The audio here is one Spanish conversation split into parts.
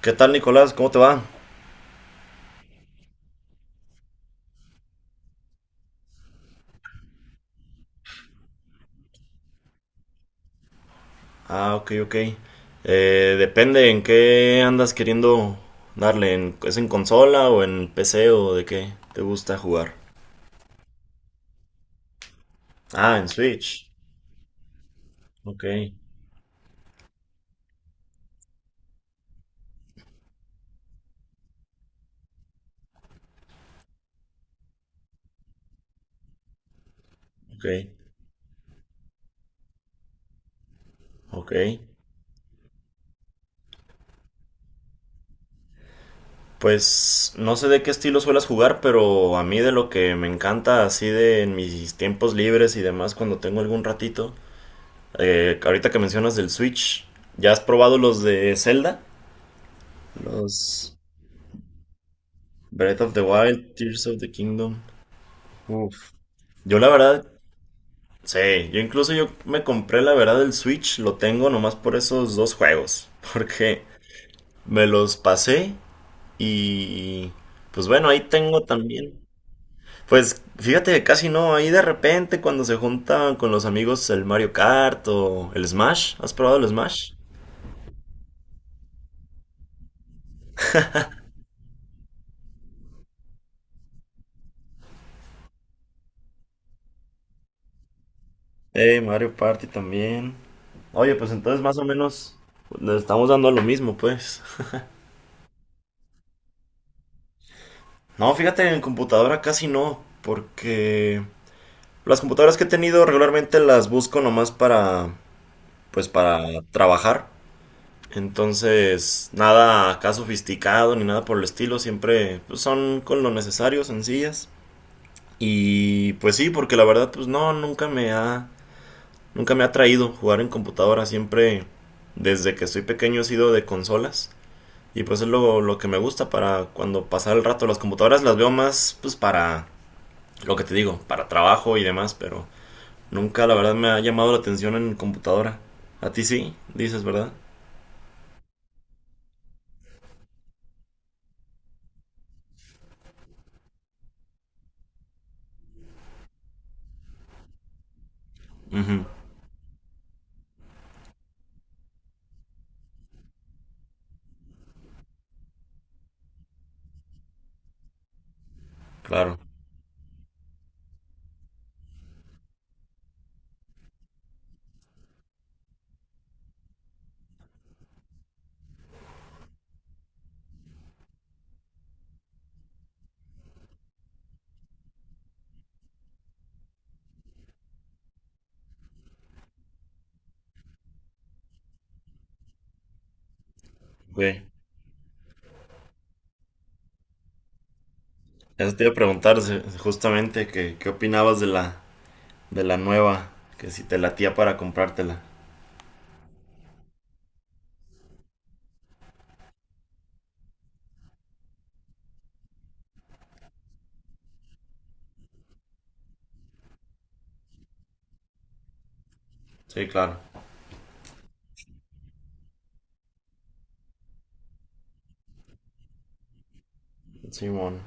¿Qué tal, Nicolás? ¿Cómo te va? Ah, ok, ok. Depende en qué andas queriendo darle. ¿Es en consola o en PC o de qué te gusta jugar? Ah, en Switch. Ok, ok, ok. Pues no sé de qué estilo suelas jugar, pero a mí de lo que me encanta así de en mis tiempos libres y demás cuando tengo algún ratito. Ahorita que mencionas del Switch, ¿ya has probado los de Zelda? Los Breath of the Wild, Tears of the Kingdom. Uf. Yo la verdad, sí, yo incluso yo me compré la verdad el Switch, lo tengo nomás por esos dos juegos, porque me los pasé y pues bueno, ahí tengo también. Pues fíjate que casi no, ahí de repente cuando se juntan con los amigos el Mario Kart o el Smash, ¿has probado el Smash? Mario Party también. Oye, pues entonces más o menos le estamos dando a lo mismo, pues. No, fíjate, en computadora casi no, porque las computadoras que he tenido regularmente las busco nomás para, pues para trabajar. Entonces, nada acá sofisticado ni nada por el estilo, siempre pues, son con lo necesario, sencillas. Y pues sí, porque la verdad, pues no, nunca me ha atraído jugar en computadora, siempre desde que estoy pequeño he sido de consolas. Y pues es lo que me gusta para cuando pasar el rato. Las computadoras las veo más, pues para lo que te digo, para trabajo y demás, pero nunca, la verdad, me ha llamado la atención en computadora. A ti sí, dices, ¿verdad? Ujú, claro. Ok. Eso te iba a preguntar justamente que, qué opinabas de de la nueva, que si te latía para comprártela. Sí, claro. Simón.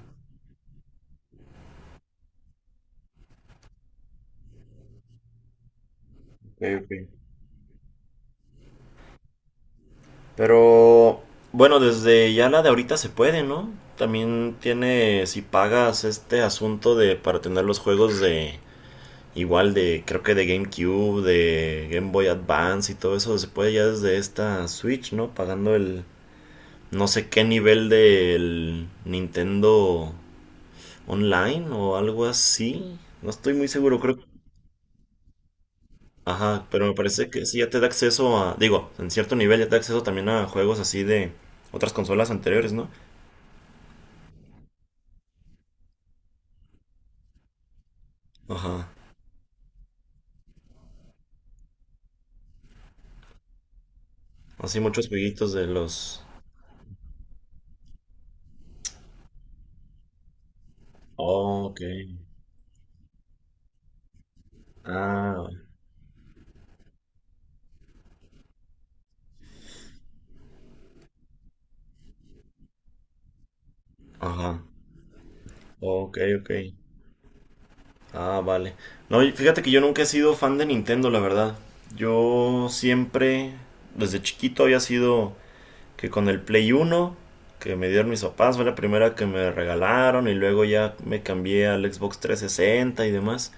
Ok, ok. Pero, bueno, desde ya la de ahorita se puede, ¿no? También tiene, si pagas este asunto de para tener los juegos de, igual de, creo que de GameCube, de Game Boy Advance y todo eso se puede ya desde esta Switch, ¿no? Pagando el no sé qué nivel del Nintendo Online o algo así. No estoy muy seguro, creo. Ajá, pero me parece que sí ya te da acceso a, digo, en cierto nivel ya te da acceso también a juegos así de otras consolas anteriores, ¿no? Ajá. Así muchos jueguitos de los... Oh, ok. Ah, ajá. Ok, ok. Ah, vale. No, y fíjate que yo nunca he sido fan de Nintendo, la verdad. Yo siempre, desde chiquito, había sido que con el Play Uno que me dieron mis papás, fue la primera que me regalaron y luego ya me cambié al Xbox 360 y demás.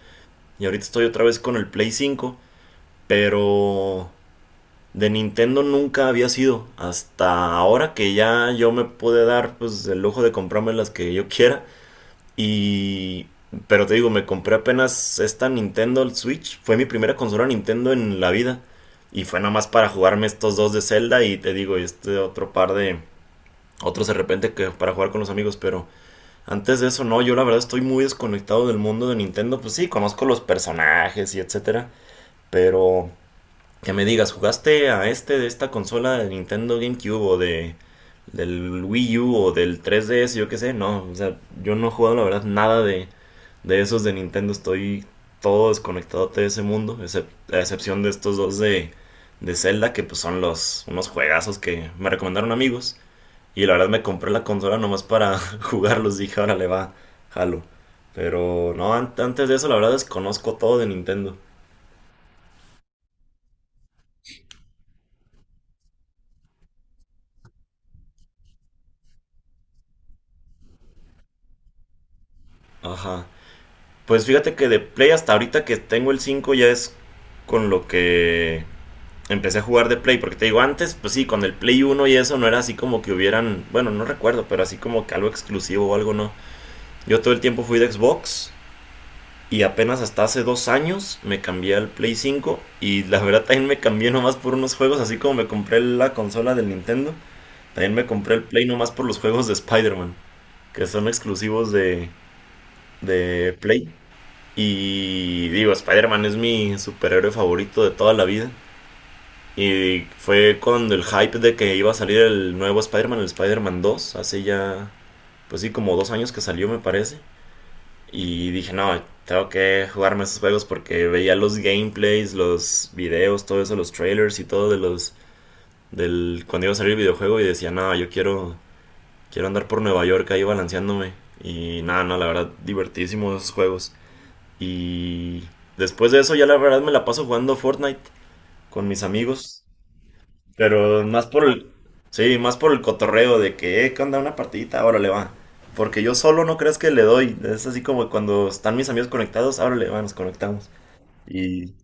Y ahorita estoy otra vez con el Play 5, pero de Nintendo nunca había sido. Hasta ahora que ya yo me pude dar pues el lujo de comprarme las que yo quiera. Y... Pero te digo, me compré apenas esta Nintendo Switch. Fue mi primera consola Nintendo en la vida. Y fue nada más para jugarme estos dos de Zelda y te digo, y este otro par de... Otros de repente que para jugar con los amigos, pero antes de eso no, yo la verdad estoy muy desconectado del mundo de Nintendo. Pues sí, conozco los personajes y etcétera. Pero que me digas, ¿jugaste a este de esta consola de Nintendo GameCube o de del Wii U o del 3DS, yo qué sé? No, o sea, yo no he jugado la verdad nada de esos de Nintendo, estoy todo desconectado de ese mundo, a excepción de estos dos de Zelda, que pues son los unos juegazos que me recomendaron amigos. Y la verdad me compré la consola nomás para jugarlos, dije, ahora le va, jalo. Pero no, antes de eso la verdad desconozco todo de Nintendo. Ajá. Pues fíjate que de Play hasta ahorita que tengo el 5 ya es con lo que empecé a jugar de Play. Porque te digo, antes, pues sí, con el Play uno y eso no era así como que hubieran, bueno, no recuerdo, pero así como que algo exclusivo o algo no. Yo todo el tiempo fui de Xbox y apenas hasta hace dos años me cambié al Play 5 y la verdad también me cambié nomás por unos juegos, así como me compré la consola del Nintendo. También me compré el Play nomás por los juegos de Spider-Man, que son exclusivos de Play. Y digo, Spider-Man es mi superhéroe favorito de toda la vida. Y fue cuando el hype de que iba a salir el nuevo Spider-Man, el Spider-Man 2, hace ya, pues sí, como dos años que salió, me parece. Y dije, no, tengo que jugarme esos juegos porque veía los gameplays, los videos, todo eso, los trailers y todo de los. Del. Cuando iba a salir el videojuego y decía, no, yo quiero. Quiero andar por Nueva York ahí balanceándome. Y nada, no, la verdad, divertísimos esos juegos. Y después de eso ya la verdad me la paso jugando Fortnite con mis amigos. Pero más por el... Sí, más por el cotorreo de que, ¿qué onda? Una partidita, órale, va. Porque yo solo no crees que le doy. Es así como cuando están mis amigos conectados, órale, va, nos conectamos. Y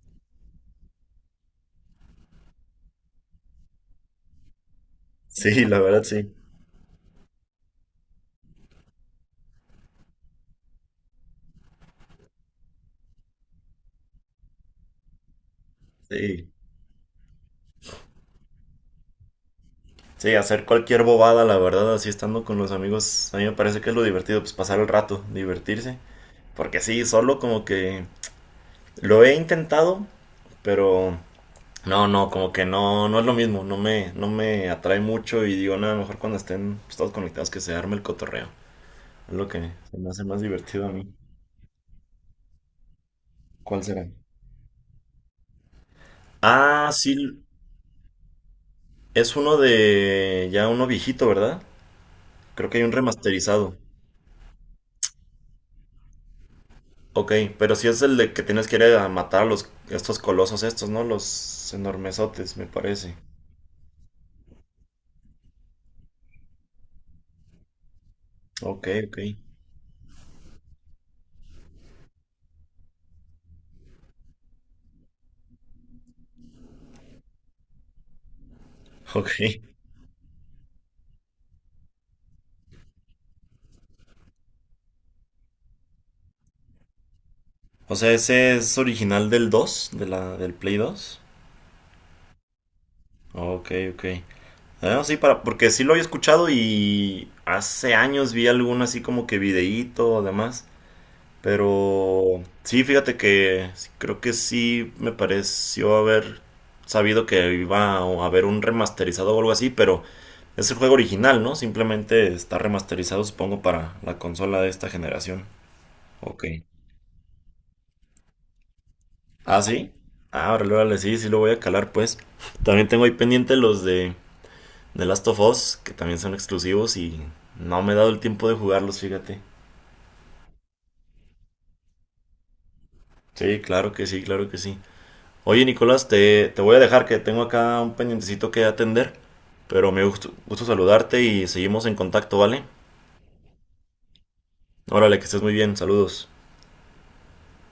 sí, la verdad sí. Sí. Sí, hacer cualquier bobada, la verdad, así estando con los amigos, a mí me parece que es lo divertido, pues pasar el rato, divertirse. Porque sí, solo como que lo he intentado, pero no, no, como que no, no es lo mismo, no me atrae mucho y digo, nada, mejor cuando estén pues, todos conectados que se arme el cotorreo. Es lo que se me hace más divertido a mí. ¿Cuál será? Ah, sí, es uno de ya uno viejito, ¿verdad? Creo que hay un remasterizado. Ok, pero si es el de que tienes que ir a matar a los estos colosos estos, ¿no? Los enormesotes, me parece. Ok, ok. Ok. O sea, ese es original del 2, de la del Play 2. Ok, ok. Ah, sí, para, porque sí lo había escuchado y hace años vi algún así como que videíto, además. Pero sí, fíjate que creo que sí me pareció haber sabido que iba a haber un remasterizado o algo así, pero es el juego original, ¿no? Simplemente está remasterizado, supongo, para la consola de esta generación. Ok. ¿Ah, sí? Ah, órale, órale, sí, sí lo voy a calar, pues. También tengo ahí pendiente los de The Last of Us, que también son exclusivos y no me he dado el tiempo de jugarlos, fíjate. Sí, claro que sí, claro que sí. Oye, Nicolás, te voy a dejar que tengo acá un pendientecito que atender, pero me gusto, gusto saludarte y seguimos en contacto, ¿vale? Órale, que estés muy bien, saludos.